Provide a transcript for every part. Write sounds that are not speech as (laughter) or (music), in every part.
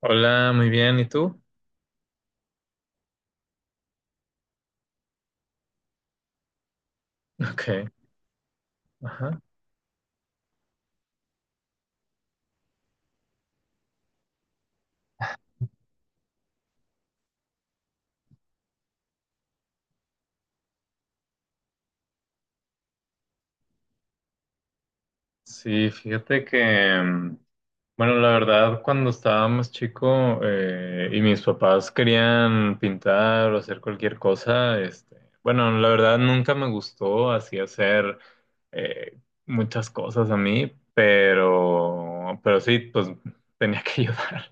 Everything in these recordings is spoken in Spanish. Hola, muy bien, ¿y tú? (laughs) Ok, ajá. Sí, fíjate que, bueno, la verdad, cuando estaba más chico y mis papás querían pintar o hacer cualquier cosa, bueno, la verdad nunca me gustó así hacer eh, muchas cosas a mí, pero sí, pues (laughs) tenía que ayudar.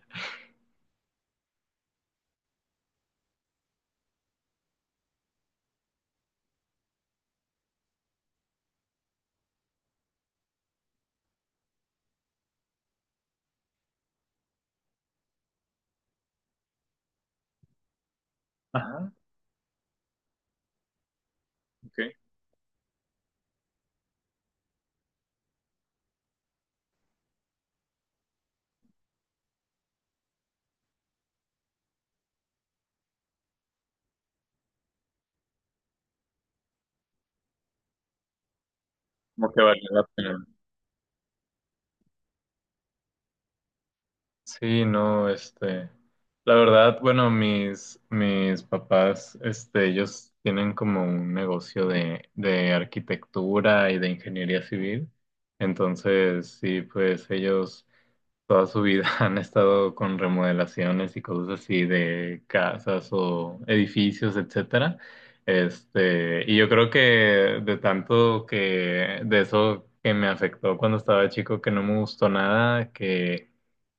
Ajá, ok. (laughs) Como que valía la pena. Sí, no, la verdad, bueno, mis papás, este, ellos tienen como un negocio de arquitectura y de ingeniería civil, entonces, sí, pues ellos toda su vida (laughs) han estado con remodelaciones y cosas así de casas o edificios, etcétera. Este, y yo creo que de tanto que de eso que me afectó cuando estaba chico, que no me gustó nada, que,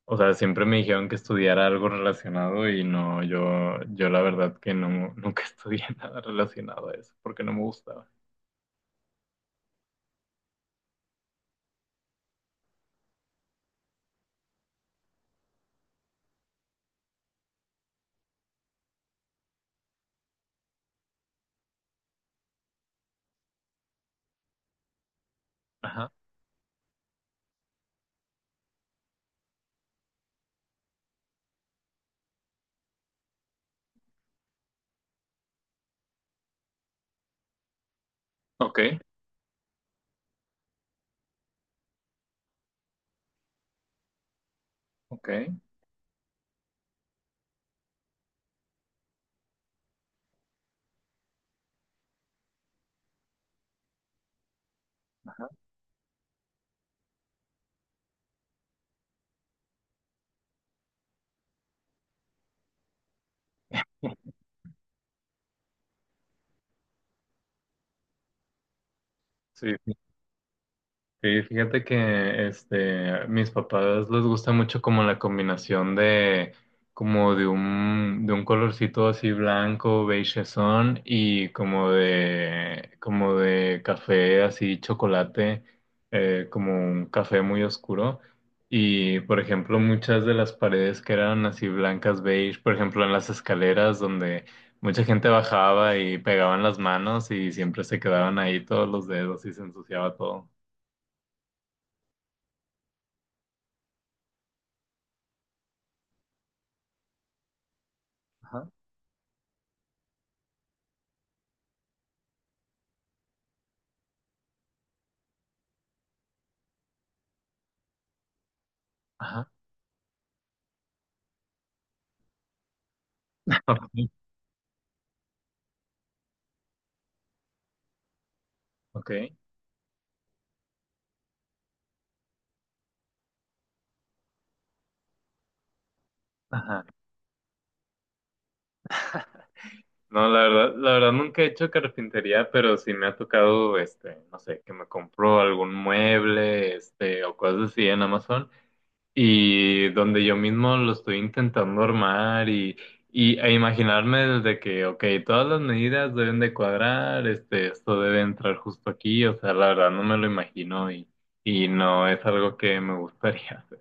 o sea, siempre me dijeron que estudiara algo relacionado y no, yo la verdad que no, nunca (laughs) estudié nada relacionado a eso, porque no me gustaba. Ajá. Ok, ok. Ajá. Sí, sí, fíjate que este, mis papás les gusta mucho como la combinación de como de un colorcito así blanco, beigeson y como de café así chocolate, como un café muy oscuro. Y por ejemplo, muchas de las paredes que eran así blancas beige, por ejemplo, en las escaleras donde mucha gente bajaba y pegaban las manos y siempre se quedaban ahí todos los dedos y se ensuciaba todo. Ajá. (laughs) Ok. Ok, ajá. No, la verdad nunca he hecho carpintería, pero sí me ha tocado, este, no sé, que me compro algún mueble, este, o cosas así en Amazon, y donde yo mismo lo estoy intentando armar y, e imaginarme desde que, ok, todas las medidas deben de cuadrar, este, esto debe entrar justo aquí, o sea, la verdad no me lo imagino y no es algo que me gustaría (laughs) hacer.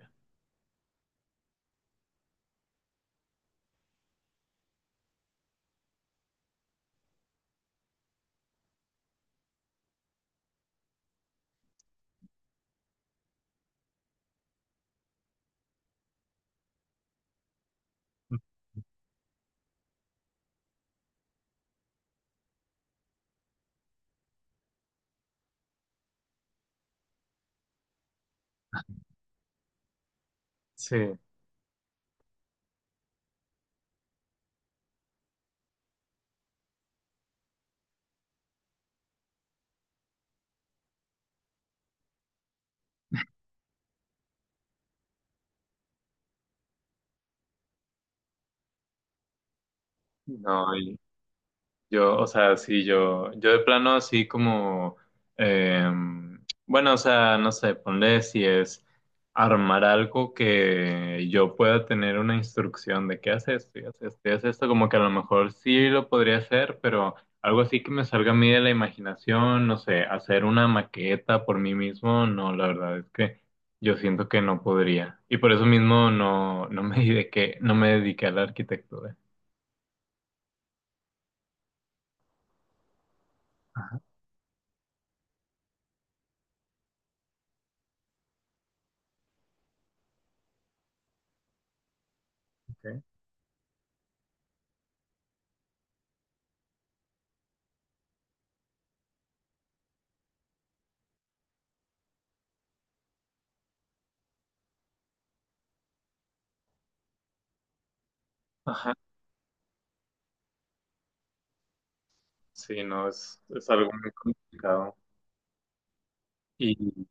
Sí. No, yo, o sea, sí, yo de plano así como, bueno, o sea, no sé, ponle si es armar algo que yo pueda tener una instrucción de qué hace esto, y hace esto, y hace esto, como que a lo mejor sí lo podría hacer, pero algo así que me salga a mí de la imaginación, no sé, hacer una maqueta por mí mismo, no, la verdad es que yo siento que no podría. Y por eso mismo no, no me dediqué a la arquitectura. Ajá, ok. Ajá. Sí, no, es algo muy complicado. Y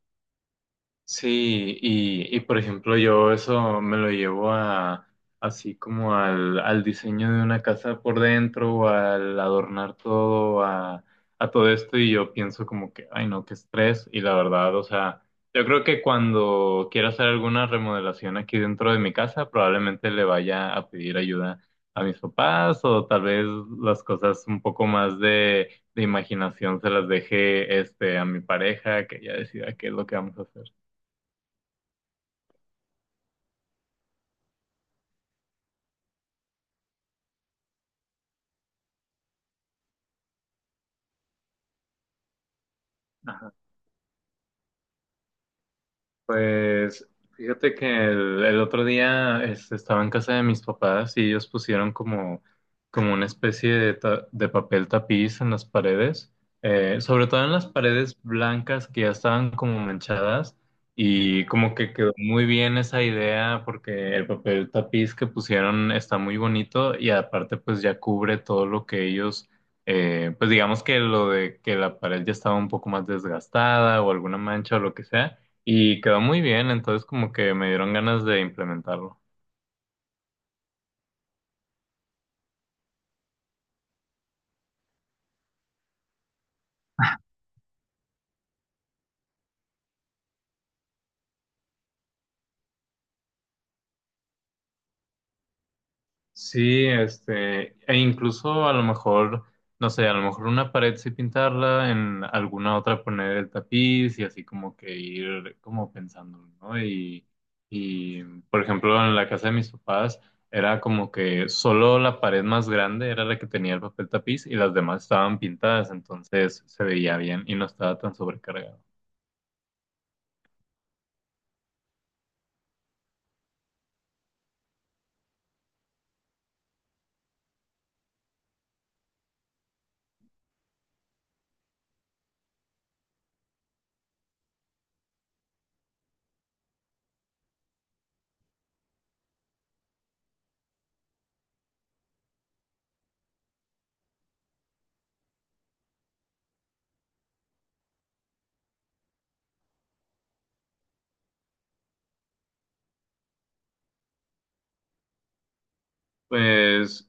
sí, y por ejemplo yo eso me lo llevo a así como al diseño de una casa por dentro o al adornar todo a todo esto y yo pienso como que, ay no, qué estrés y la verdad, o sea, yo creo que cuando quiera hacer alguna remodelación aquí dentro de mi casa probablemente le vaya a pedir ayuda a mis papás o tal vez las cosas un poco más de imaginación se las deje este, a mi pareja que ya decida qué es lo que vamos a hacer. Ajá. Pues fíjate que el otro día este, estaba en casa de mis papás y ellos pusieron como, como una especie de, de papel tapiz en las paredes, sobre todo en las paredes blancas que ya estaban como manchadas y como que quedó muy bien esa idea porque el papel tapiz que pusieron está muy bonito y aparte pues ya cubre todo lo que ellos pues digamos que lo de que la pared ya estaba un poco más desgastada o alguna mancha o lo que sea, y quedó muy bien, entonces como que me dieron ganas de implementarlo. Sí, este, e incluso a lo mejor, no sé, a lo mejor una pared sí pintarla, en alguna otra poner el tapiz y así como que ir como pensando, ¿no? Y por ejemplo, en la casa de mis papás era como que solo la pared más grande era la que tenía el papel tapiz y las demás estaban pintadas, entonces se veía bien y no estaba tan sobrecargado. Pues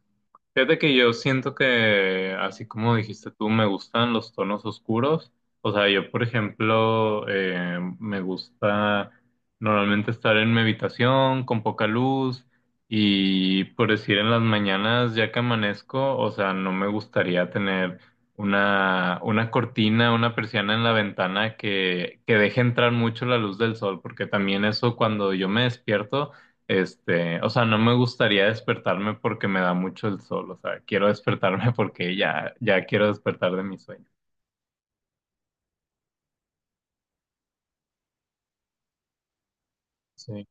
fíjate que yo siento que, así como dijiste tú, me gustan los tonos oscuros. O sea, yo, por ejemplo, me gusta normalmente estar en mi habitación con poca luz y, por decir, en las mañanas ya que amanezco, o sea, no me gustaría tener una cortina, una persiana en la ventana que deje entrar mucho la luz del sol, porque también eso cuando yo me despierto este, o sea, no me gustaría despertarme porque me da mucho el sol, o sea, quiero despertarme (laughs) porque ya, ya quiero despertar de mi sueño. Sí.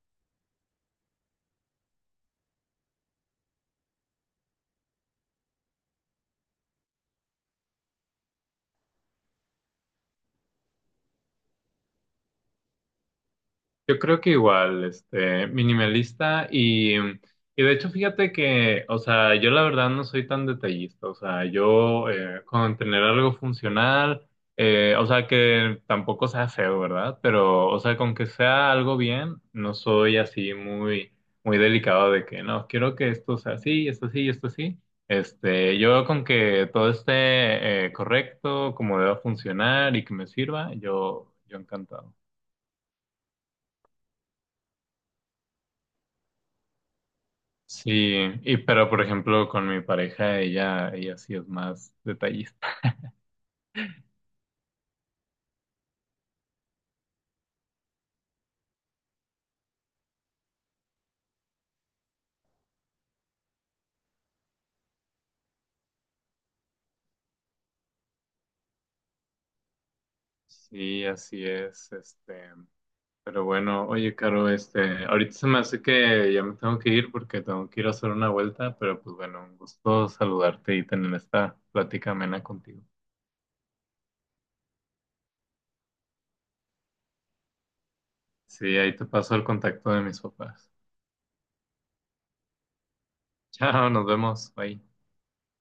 Yo creo que igual, este, minimalista y de hecho fíjate que, o sea, yo la verdad no soy tan detallista, o sea, yo con tener algo funcional, o sea, que tampoco sea feo, ¿verdad? Pero, o sea, con que sea algo bien, no soy así muy, muy delicado de que, no, quiero que esto sea así, esto sí, esto sí. Este, yo con que todo esté correcto, como deba funcionar y que me sirva, yo encantado. Sí, y pero por ejemplo con mi pareja, ella sí es más detallista. Sí, así es, este, pero bueno, oye, Caro, este, ahorita se me hace que ya me tengo que ir porque tengo que ir a hacer una vuelta, pero pues bueno, un gusto saludarte y tener esta plática amena contigo. Sí, ahí te paso el contacto de mis papás. (laughs) Chao, nos vemos, bye.